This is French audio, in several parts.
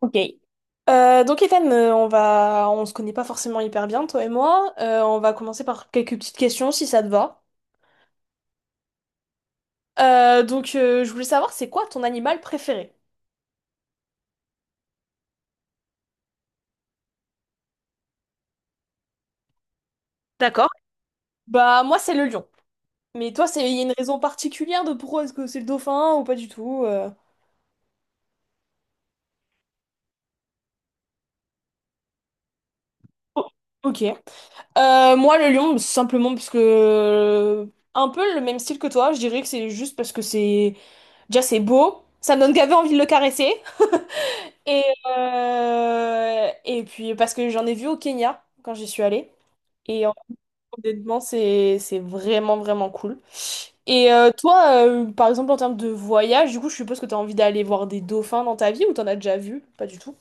Ok. Donc Ethan, on va, on se connaît pas forcément hyper bien, toi et moi. On va commencer par quelques petites questions si ça te va. Je voulais savoir c'est quoi ton animal préféré? D'accord. Bah moi c'est le lion. Mais toi c'est, il y a une raison particulière de pourquoi est-ce que c'est le dauphin ou pas du tout? Oh, ok. Moi le lion simplement parce que un peu le même style que toi. Je dirais que c'est juste parce que c'est déjà c'est beau. Ça me donne gavé envie de le caresser. Et, et puis, parce que j'en ai vu au Kenya quand j'y suis allée. Et honnêtement, c'est vraiment, vraiment cool. Et toi, par exemple, en termes de voyage, du coup, je suppose que t'as envie d'aller voir des dauphins dans ta vie ou t'en as déjà vu? Pas du tout.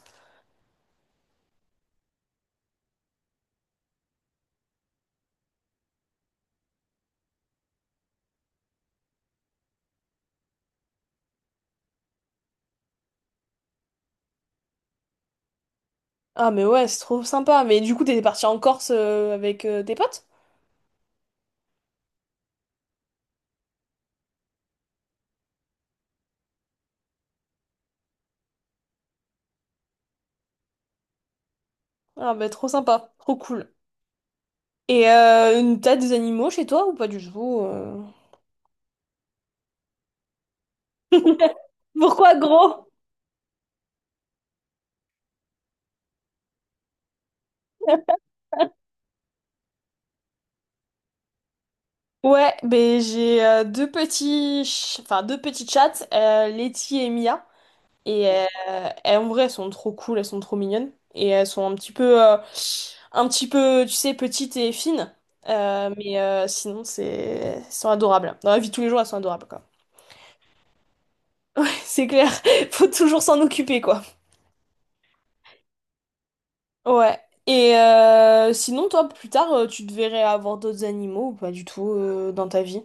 Ah, mais ouais, c'est trop sympa. Mais du coup, t'es parti en Corse avec tes potes? Ah, bah, trop sympa, trop cool. Et t'as des animaux chez toi ou pas du tout? Pourquoi gros? Ouais, ben j'ai deux petits, enfin deux petits chats, Letty et Mia, et elles, en vrai elles sont trop cool, elles sont trop mignonnes, et elles sont un petit peu, tu sais, petites et fines. Sinon c'est, elles sont adorables. Dans la vie de tous les jours elles sont adorables quoi. C'est clair, faut toujours s'en occuper quoi. Ouais. Et sinon toi plus tard tu te verrais avoir d'autres animaux ou pas du tout dans ta vie?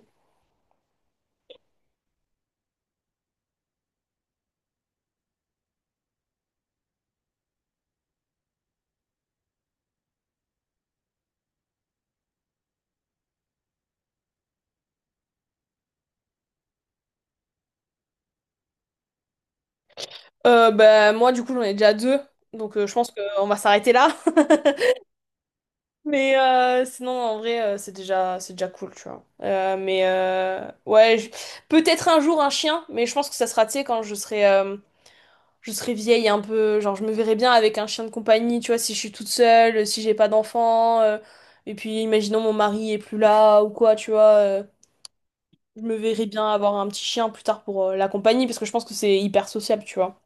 Bah, moi, du coup, j'en ai déjà deux, donc je pense qu'on va s'arrêter là. Mais sinon, en vrai, c'est déjà cool, tu vois. Ouais, peut-être un jour un chien, mais je pense que ça sera, tu sais, quand je serai vieille un peu. Genre, je me verrai bien avec un chien de compagnie, tu vois, si je suis toute seule, si j'ai pas d'enfant. Et puis, imaginons mon mari est plus là ou quoi, tu vois. Je me verrai bien avoir un petit chien plus tard pour la compagnie, parce que je pense que c'est hyper sociable, tu vois.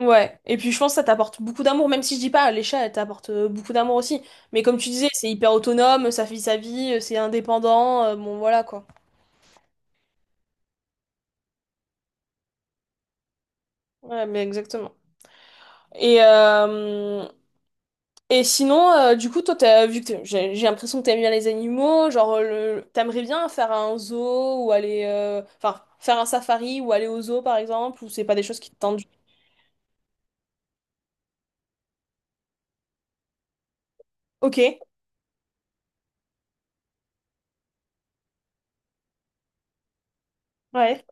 Ouais, et puis je pense que ça t'apporte beaucoup d'amour, même si je dis pas, les chats, elles t'apportent beaucoup d'amour aussi. Mais comme tu disais, c'est hyper autonome, ça fait sa vie, c'est indépendant, bon voilà quoi. Ouais, mais exactement. Et, euh, et sinon, du coup, toi, t'as, vu que j'ai l'impression que t'aimes bien les animaux, genre, le, t'aimerais bien faire un zoo ou aller, enfin, faire un safari ou aller au zoo par exemple, ou c'est pas des choses qui te tentent. Ok, ouais.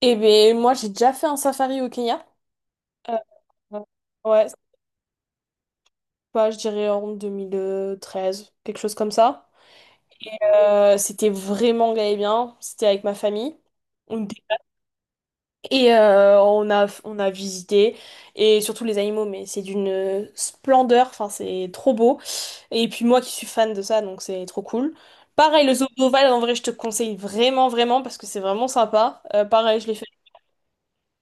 Et ben moi, j'ai déjà fait un safari au Kenya. Euh, ouais, bah, je dirais en 2013, quelque chose comme ça. C'était vraiment gay et bien, c'était avec ma famille. On- Et on a visité, et surtout les animaux, mais c'est d'une splendeur, enfin c'est trop beau. Et puis moi qui suis fan de ça, donc c'est trop cool. Pareil, le zoo d'Oval, en vrai, je te conseille vraiment, vraiment, parce que c'est vraiment sympa. Pareil, je l'ai fait.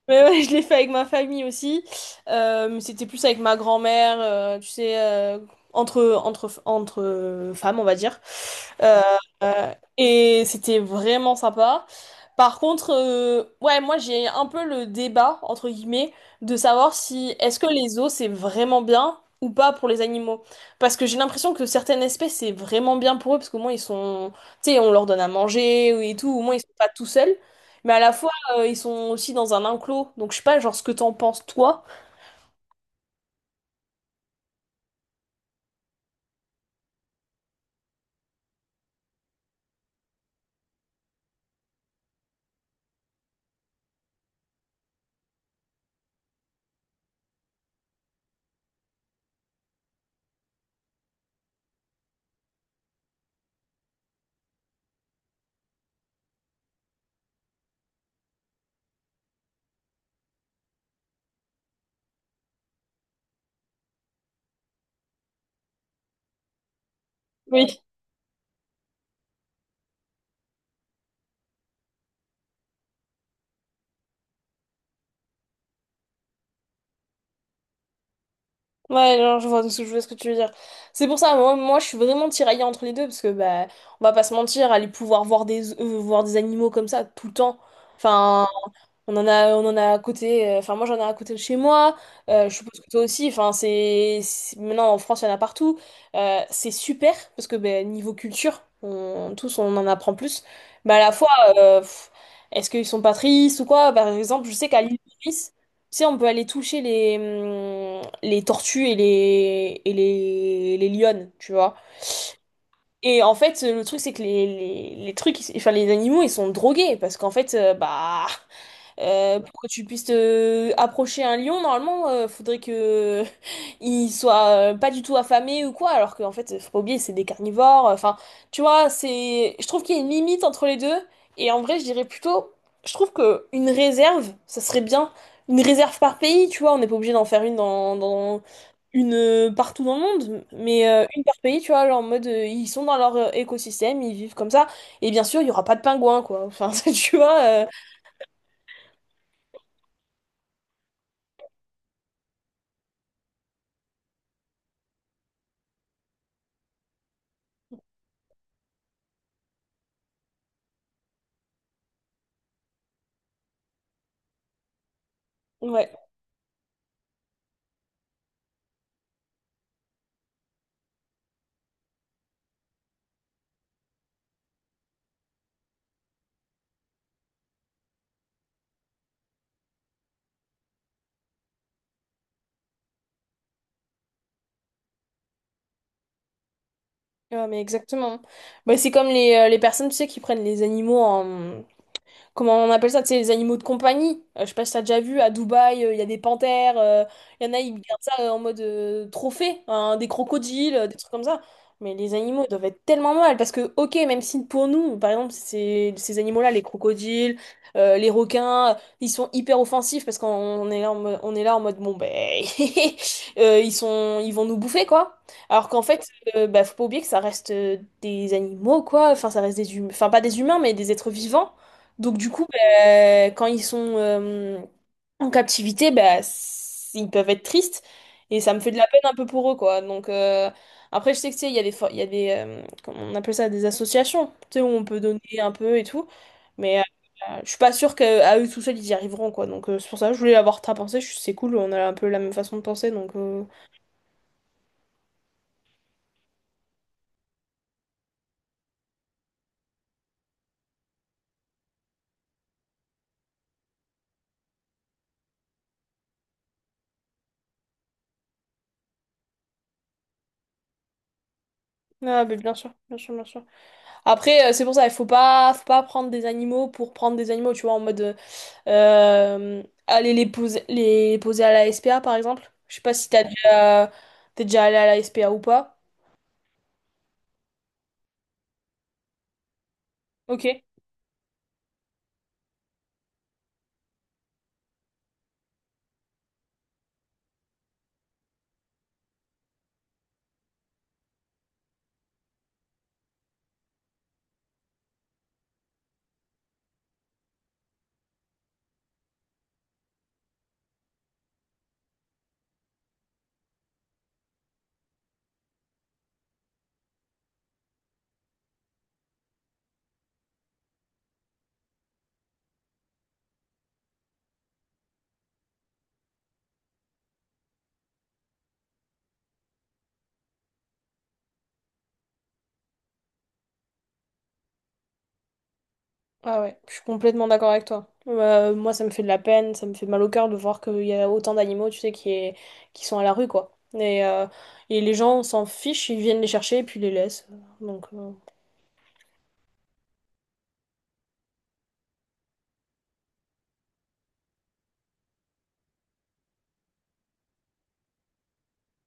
Ouais, ouais, je l'ai fait avec ma famille aussi. Mais c'était plus avec ma grand-mère, tu sais, entre femmes, on va dire. Euh, et c'était vraiment sympa. Par contre, ouais, moi j'ai un peu le débat, entre guillemets, de savoir si est-ce que les os c'est vraiment bien ou pas pour les animaux. Parce que j'ai l'impression que certaines espèces c'est vraiment bien pour eux, parce qu'au moins ils sont, tu sais, on leur donne à manger et tout, au moins ils sont pas tout seuls. Mais à la fois, ils sont aussi dans un enclos, donc je sais pas, genre, ce que t'en penses, toi. Oui. Ouais, genre, je vois, je vois ce que tu veux dire. C'est pour ça, moi, je suis vraiment tiraillée entre les deux, parce que, bah, on va pas se mentir, aller pouvoir voir des animaux comme ça tout le temps, enfin, on en a à côté, enfin moi j'en ai à côté de chez moi, je suppose que toi aussi, enfin c'est, maintenant en France il y en a partout. C'est super parce que ben, niveau culture, on, tous on en apprend plus, mais à la fois, pff, est-ce qu'ils sont pas tristes ou quoi? Par exemple, je sais qu'à l'île Maurice, tu sais on peut aller toucher les tortues et les lionnes, tu vois. Et en fait, le truc c'est que enfin les animaux ils sont drogués parce qu'en fait, bah... Pour que tu puisses te approcher un lion, normalement, faudrait que il soit pas du tout affamé ou quoi, alors qu'en fait, faut pas oublier, c'est des carnivores. Enfin, tu vois, c'est, je trouve qu'il y a une limite entre les deux. Et en vrai, je dirais plutôt, je trouve que une réserve, ça serait bien. Une réserve par pays, tu vois, on n'est pas obligé d'en faire une dans une partout dans le monde, mais une par pays, tu vois, genre en mode ils sont dans leur écosystème, ils vivent comme ça, et bien sûr, il y aura pas de pingouins, quoi. Enfin, tu vois, ouais. Ouais mais exactement. Bah, c'est comme les personnes, tu sais, qui prennent les animaux en, comment on appelle ça, tu sais, les animaux de compagnie. Je sais pas si t'as déjà vu, à Dubaï, il y a des panthères, il y en a, ils gardent ça en mode trophée, hein, des crocodiles, des trucs comme ça. Mais les animaux, ils doivent être tellement mal, parce que, ok, même si pour nous, par exemple, ces animaux-là, les crocodiles, les requins, ils sont hyper offensifs, parce qu'on est là en mode, on est là en mode, bon, ben, ils sont, ils vont nous bouffer, quoi. Alors qu'en fait, bah, faut pas oublier que ça reste des animaux, quoi. Enfin, ça reste des humains. Enfin, pas des humains, mais des êtres vivants. Donc du coup, bah, quand ils sont en captivité, bah, ils peuvent être tristes et ça me fait de la peine un peu pour eux, quoi. Donc après, je sais que tu sais, il y a des, il y a des comment on appelle ça, des associations, tu sais, où on peut donner un peu et tout. Mais je suis pas sûre qu'à eux tout seuls, ils y arriveront, quoi. Donc c'est pour ça que je voulais avoir ta pensée. C'est cool, on a un peu la même façon de penser, donc. Ah, mais bien sûr, bien sûr, bien sûr. Après, c'est pour ça, il faut pas prendre des animaux pour prendre des animaux, tu vois, en mode. Aller les poser à la SPA, par exemple. Je sais pas si t'es déjà allé à la SPA ou pas. Ok. Ah ouais, je suis complètement d'accord avec toi. Moi, ça me fait de la peine, ça me fait mal au cœur de voir qu'il y a autant d'animaux, tu sais, qui, qui sont à la rue, quoi. Et les gens s'en fichent, ils viennent les chercher et puis ils les laissent. Donc,